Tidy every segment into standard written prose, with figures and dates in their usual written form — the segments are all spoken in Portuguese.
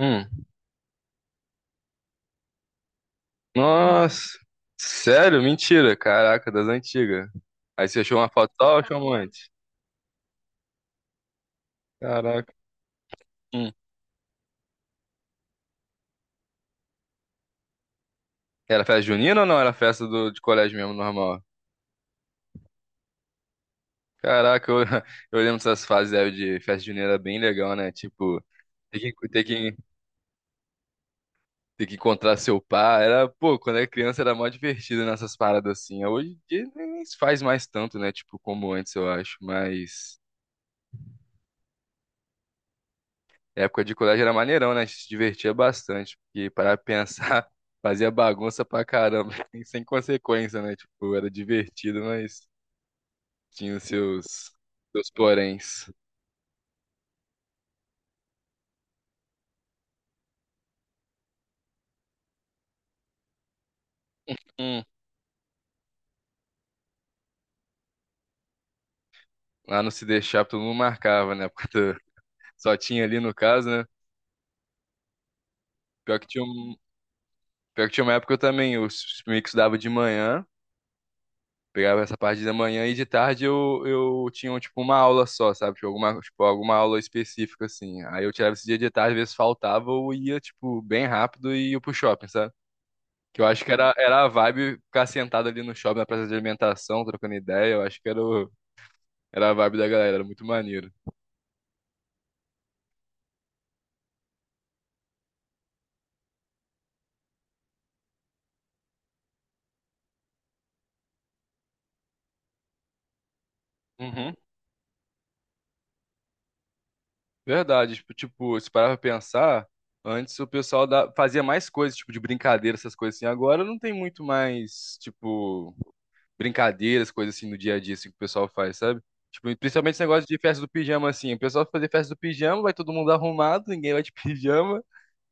Hum. Nossa. Sério? Mentira. Caraca, das antigas. Aí você achou uma foto só ou achou um antes? Caraca. Hum. Era festa junina ou não? Era festa de colégio mesmo, normal? Caraca, eu, eu lembro dessas fases aí de festa junina era bem legal, né? Tipo, ter que, ter que, ter que encontrar seu par. Era, pô, quando era criança era mó divertido nessas paradas assim. Hoje em dia nem se faz mais tanto, né? Tipo, como antes, eu acho. Mas. Época de colégio era maneirão, né? A gente se divertia bastante. Porque para pensar, fazia bagunça pra caramba, e sem consequência, né? Tipo, era divertido, mas tinha os seus, seus poréns. Hum, lá no Se Deixar, todo mundo marcava, né? Só tinha ali no caso, né? Pior que tinha, um, Pior que tinha uma época que eu também, meio que estudava de manhã. Pegava essa parte da manhã e de tarde eu tinha, tipo, uma aula só, sabe? Tipo, alguma aula específica, assim. Aí eu tirava esse dia de tarde, às vezes faltava, ou ia, tipo, bem rápido e ia pro shopping, sabe? Que eu acho que era, era a vibe ficar sentado ali no shopping, na praça de alimentação, trocando ideia. Eu acho que era a vibe da galera, era muito maneiro. Uhum. Verdade, tipo, tipo, se parar pra pensar, antes o pessoal da- fazia mais coisas, tipo, de brincadeira, essas coisas assim. Agora não tem muito mais, tipo brincadeiras, coisas assim no dia a dia, assim, que o pessoal faz, sabe? Tipo, principalmente esse negócio de festa do pijama, assim. O pessoal vai fazer festa do pijama, vai todo mundo arrumado, ninguém vai de pijama,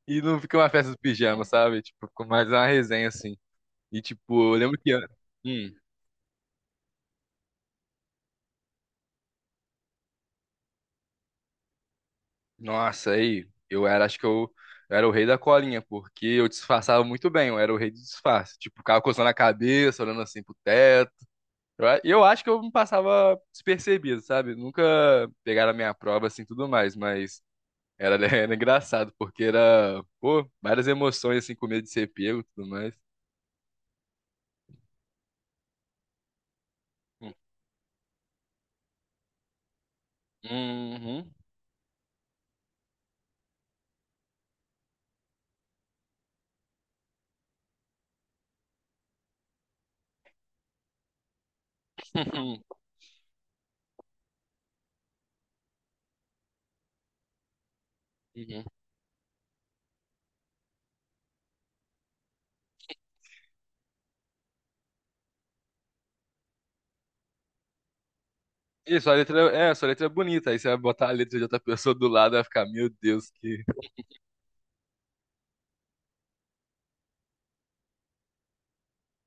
e não fica uma festa do pijama, sabe? Tipo, fica mais uma resenha, assim. E, tipo, eu lembro que. Hum, nossa, aí, eu era, acho que eu era o rei da colinha, porque eu disfarçava muito bem, eu era o rei do disfarce. Tipo, ficava coçando a cabeça, olhando assim pro teto. Eu acho que eu me passava despercebido, sabe? Nunca pegaram a minha prova, assim, tudo mais, mas. Era, era engraçado, porque era, pô, várias emoções, assim, com medo de ser pego e tudo mais. Uhum. Uhum. Isso, sua letra é bonita. Aí você vai botar a letra de outra pessoa do lado, vai ficar, meu Deus, que.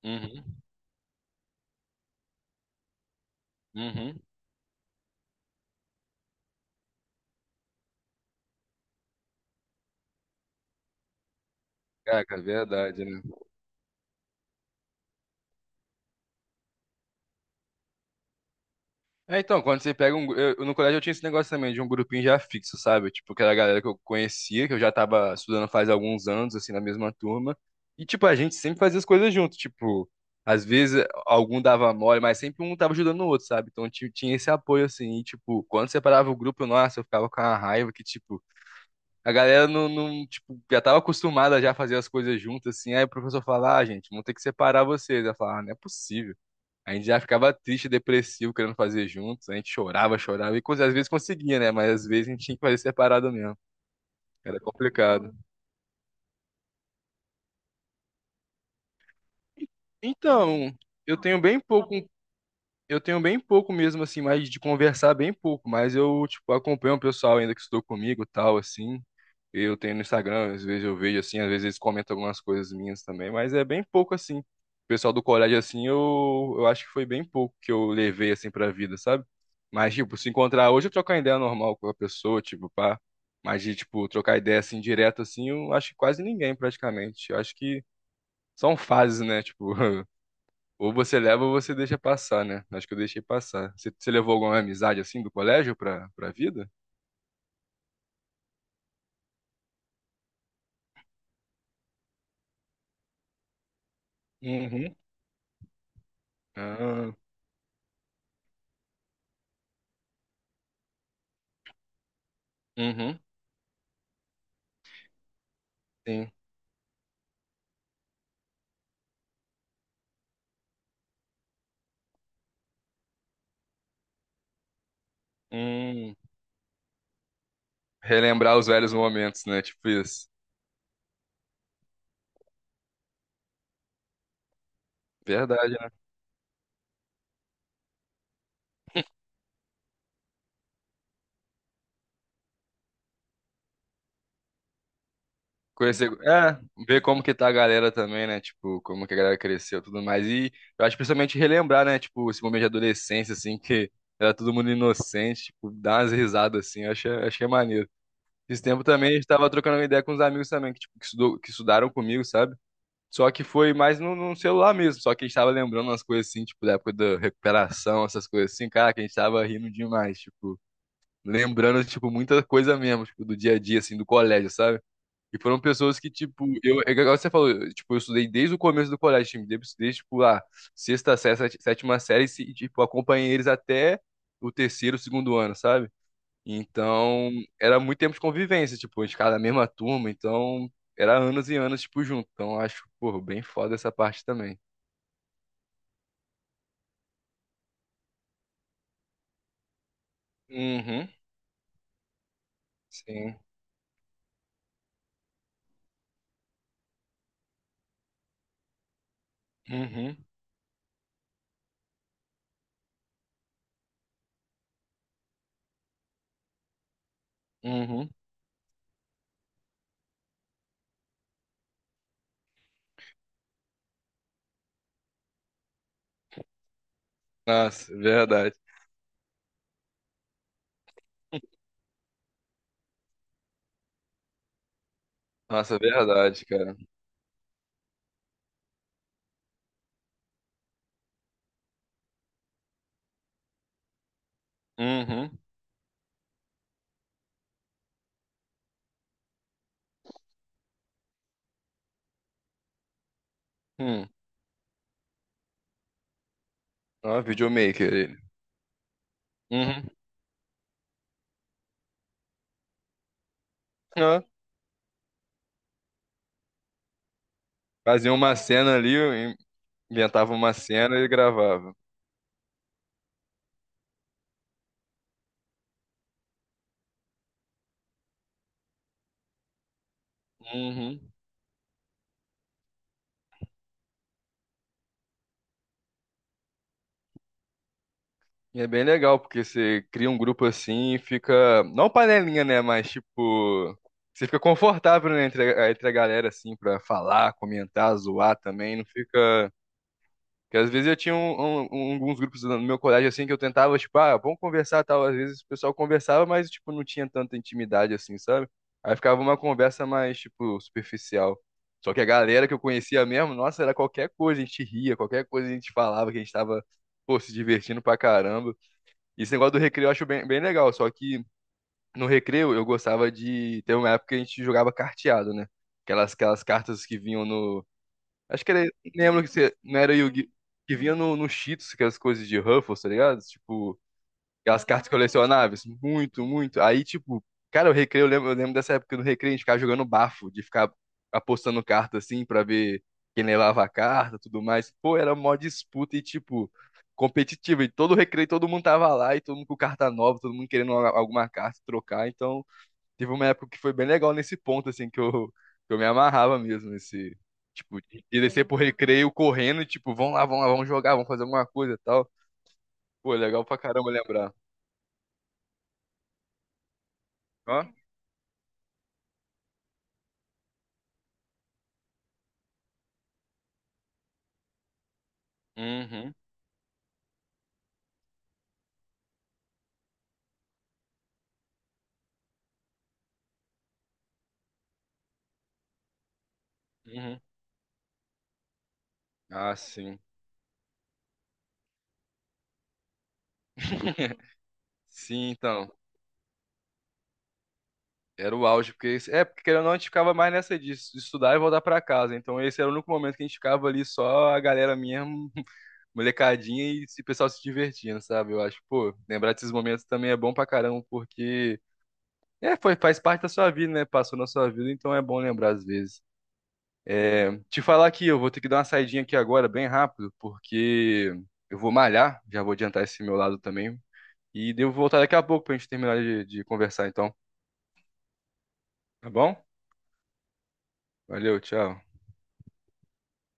Uhum. Uhum. Caraca, é verdade, né? É, então, quando você pega um. Eu, no colégio eu tinha esse negócio também de um grupinho já fixo, sabe? Tipo, que era a galera que eu conhecia, que eu já tava estudando faz alguns anos, assim, na mesma turma. E, tipo, a gente sempre fazia as coisas junto. Tipo, às vezes algum dava mole, mas sempre um tava ajudando o outro, sabe? Tinha esse apoio, assim. E, tipo, quando separava o grupo, nossa, eu ficava com a raiva que, tipo, a galera não, tipo, já tava acostumada já a fazer as coisas juntas, assim. Aí o professor falava, ah, gente, vão ter que separar vocês. Eu falava, ah, não é possível. A gente já ficava triste, depressivo, querendo fazer juntos. A gente chorava, chorava. Às vezes conseguia, né? Mas às vezes a gente tinha que fazer separado mesmo. Era complicado. Então, eu tenho bem pouco, eu tenho bem pouco mesmo, assim, mais de conversar bem pouco. Mas eu, tipo, acompanho o pessoal ainda que estudou comigo e tal, assim. Eu tenho no Instagram, às vezes eu vejo assim, às vezes eles comentam algumas coisas minhas também, mas é bem pouco assim. O pessoal do colégio assim, eu acho que foi bem pouco que eu levei assim pra vida, sabe? Mas tipo, se encontrar hoje eu trocar ideia normal com a pessoa, tipo, pá. Mas de tipo trocar ideia assim direto assim, eu acho que quase ninguém praticamente. Eu acho que são fases, né? Tipo, ou você leva ou você deixa passar, né? Acho que eu deixei passar. Você levou alguma amizade assim do colégio pra vida? Uhum. Ah, uhum, sim. Hum. Relembrar os velhos momentos, né? Tipo isso. Verdade, né? Conhecer, é, ver como que tá a galera também, né? Tipo, como que a galera cresceu e tudo mais. E eu acho que principalmente relembrar, né? Tipo, esse momento de adolescência, assim, que era todo mundo inocente, tipo, dar umas risadas, assim, eu achei, achei maneiro. Esse tempo também a gente tava trocando uma ideia com uns amigos também, que, tipo, que estudaram comigo, sabe? Só que foi mais no celular mesmo, só que a gente tava lembrando umas coisas assim, tipo, da época da recuperação, essas coisas assim, cara, que a gente tava rindo demais, tipo. Lembrando, tipo, muita coisa mesmo, tipo, do dia a dia, assim, do colégio, sabe? E foram pessoas que, tipo, eu, é igual você falou, eu, tipo, eu estudei desde o começo do colégio, tipo, tipo, lá sétima série, e, tipo, acompanhei eles até o terceiro, segundo ano, sabe? Então, era muito tempo de convivência, tipo, a gente ficava na mesma turma, então, era anos e anos, tipo, junto. Então, eu acho, pô, bem foda essa parte também. Uhum, sim. Uhum, uhum. Nossa, verdade. Nossa, verdade, cara. Uhum. Hum. Ah, videomaker ele. Uhum. Ó, fazia uma cena ali, inventava uma cena e gravava. Uhum. E é bem legal, porque você cria um grupo assim e fica. Não panelinha, né? Mas tipo. Você fica confortável, né, entre a galera, assim, pra falar, comentar, zoar também. Não fica. Porque às vezes eu tinha alguns grupos no meu colégio, assim, que eu tentava, tipo, ah, vamos conversar, tal. Às vezes o pessoal conversava, mas, tipo, não tinha tanta intimidade, assim, sabe? Aí ficava uma conversa mais, tipo, superficial. Só que a galera que eu conhecia mesmo, nossa, era qualquer coisa, a gente ria, qualquer coisa a gente falava, que a gente tava, pô, se divertindo pra caramba. E esse negócio do recreio eu acho bem, bem legal, só que no recreio eu gostava de... Teve uma época que a gente jogava carteado, né? Aquelas cartas que vinham no Acho que era. Lembro que você não era Yu-Gi-Oh! Que vinha no Cheetos, que é as coisas de Ruffles, tá ligado? Tipo, aquelas cartas colecionáveis. Muito, muito. Aí, tipo, cara, o recreio, eu lembro dessa época do recreio, a gente ficava jogando bafo, de ficar apostando carta assim pra ver quem levava a carta tudo mais. Pô, era mó disputa e, tipo, competitiva. E todo recreio, todo mundo tava lá, e todo mundo com carta nova, todo mundo querendo alguma carta trocar. Então. Teve uma época que foi bem legal nesse ponto, assim, que eu me amarrava mesmo, nesse, tipo, de descer pro recreio correndo, tipo, vamos lá, vamos jogar, vamos fazer alguma coisa e tal. Pô, legal pra caramba lembrar. Ó? Uhum, uhum. Ah, sim. Sim, então. Era o auge, porque... É, porque querendo ou não, a gente ficava mais nessa de estudar e voltar pra casa. Então esse era o único momento que a gente ficava ali só a galera mesmo, molecadinha e esse pessoal se divertindo, sabe? Eu acho, pô, lembrar desses momentos também é bom pra caramba, porque... É, foi, faz parte da sua vida, né? Passou na sua vida, então é bom lembrar às vezes. É, te falar aqui, eu vou ter que dar uma saidinha aqui agora, bem rápido, porque eu vou malhar, já vou adiantar esse meu lado também. E devo voltar daqui a pouco pra gente terminar de conversar, então. Tá bom? Valeu, tchau.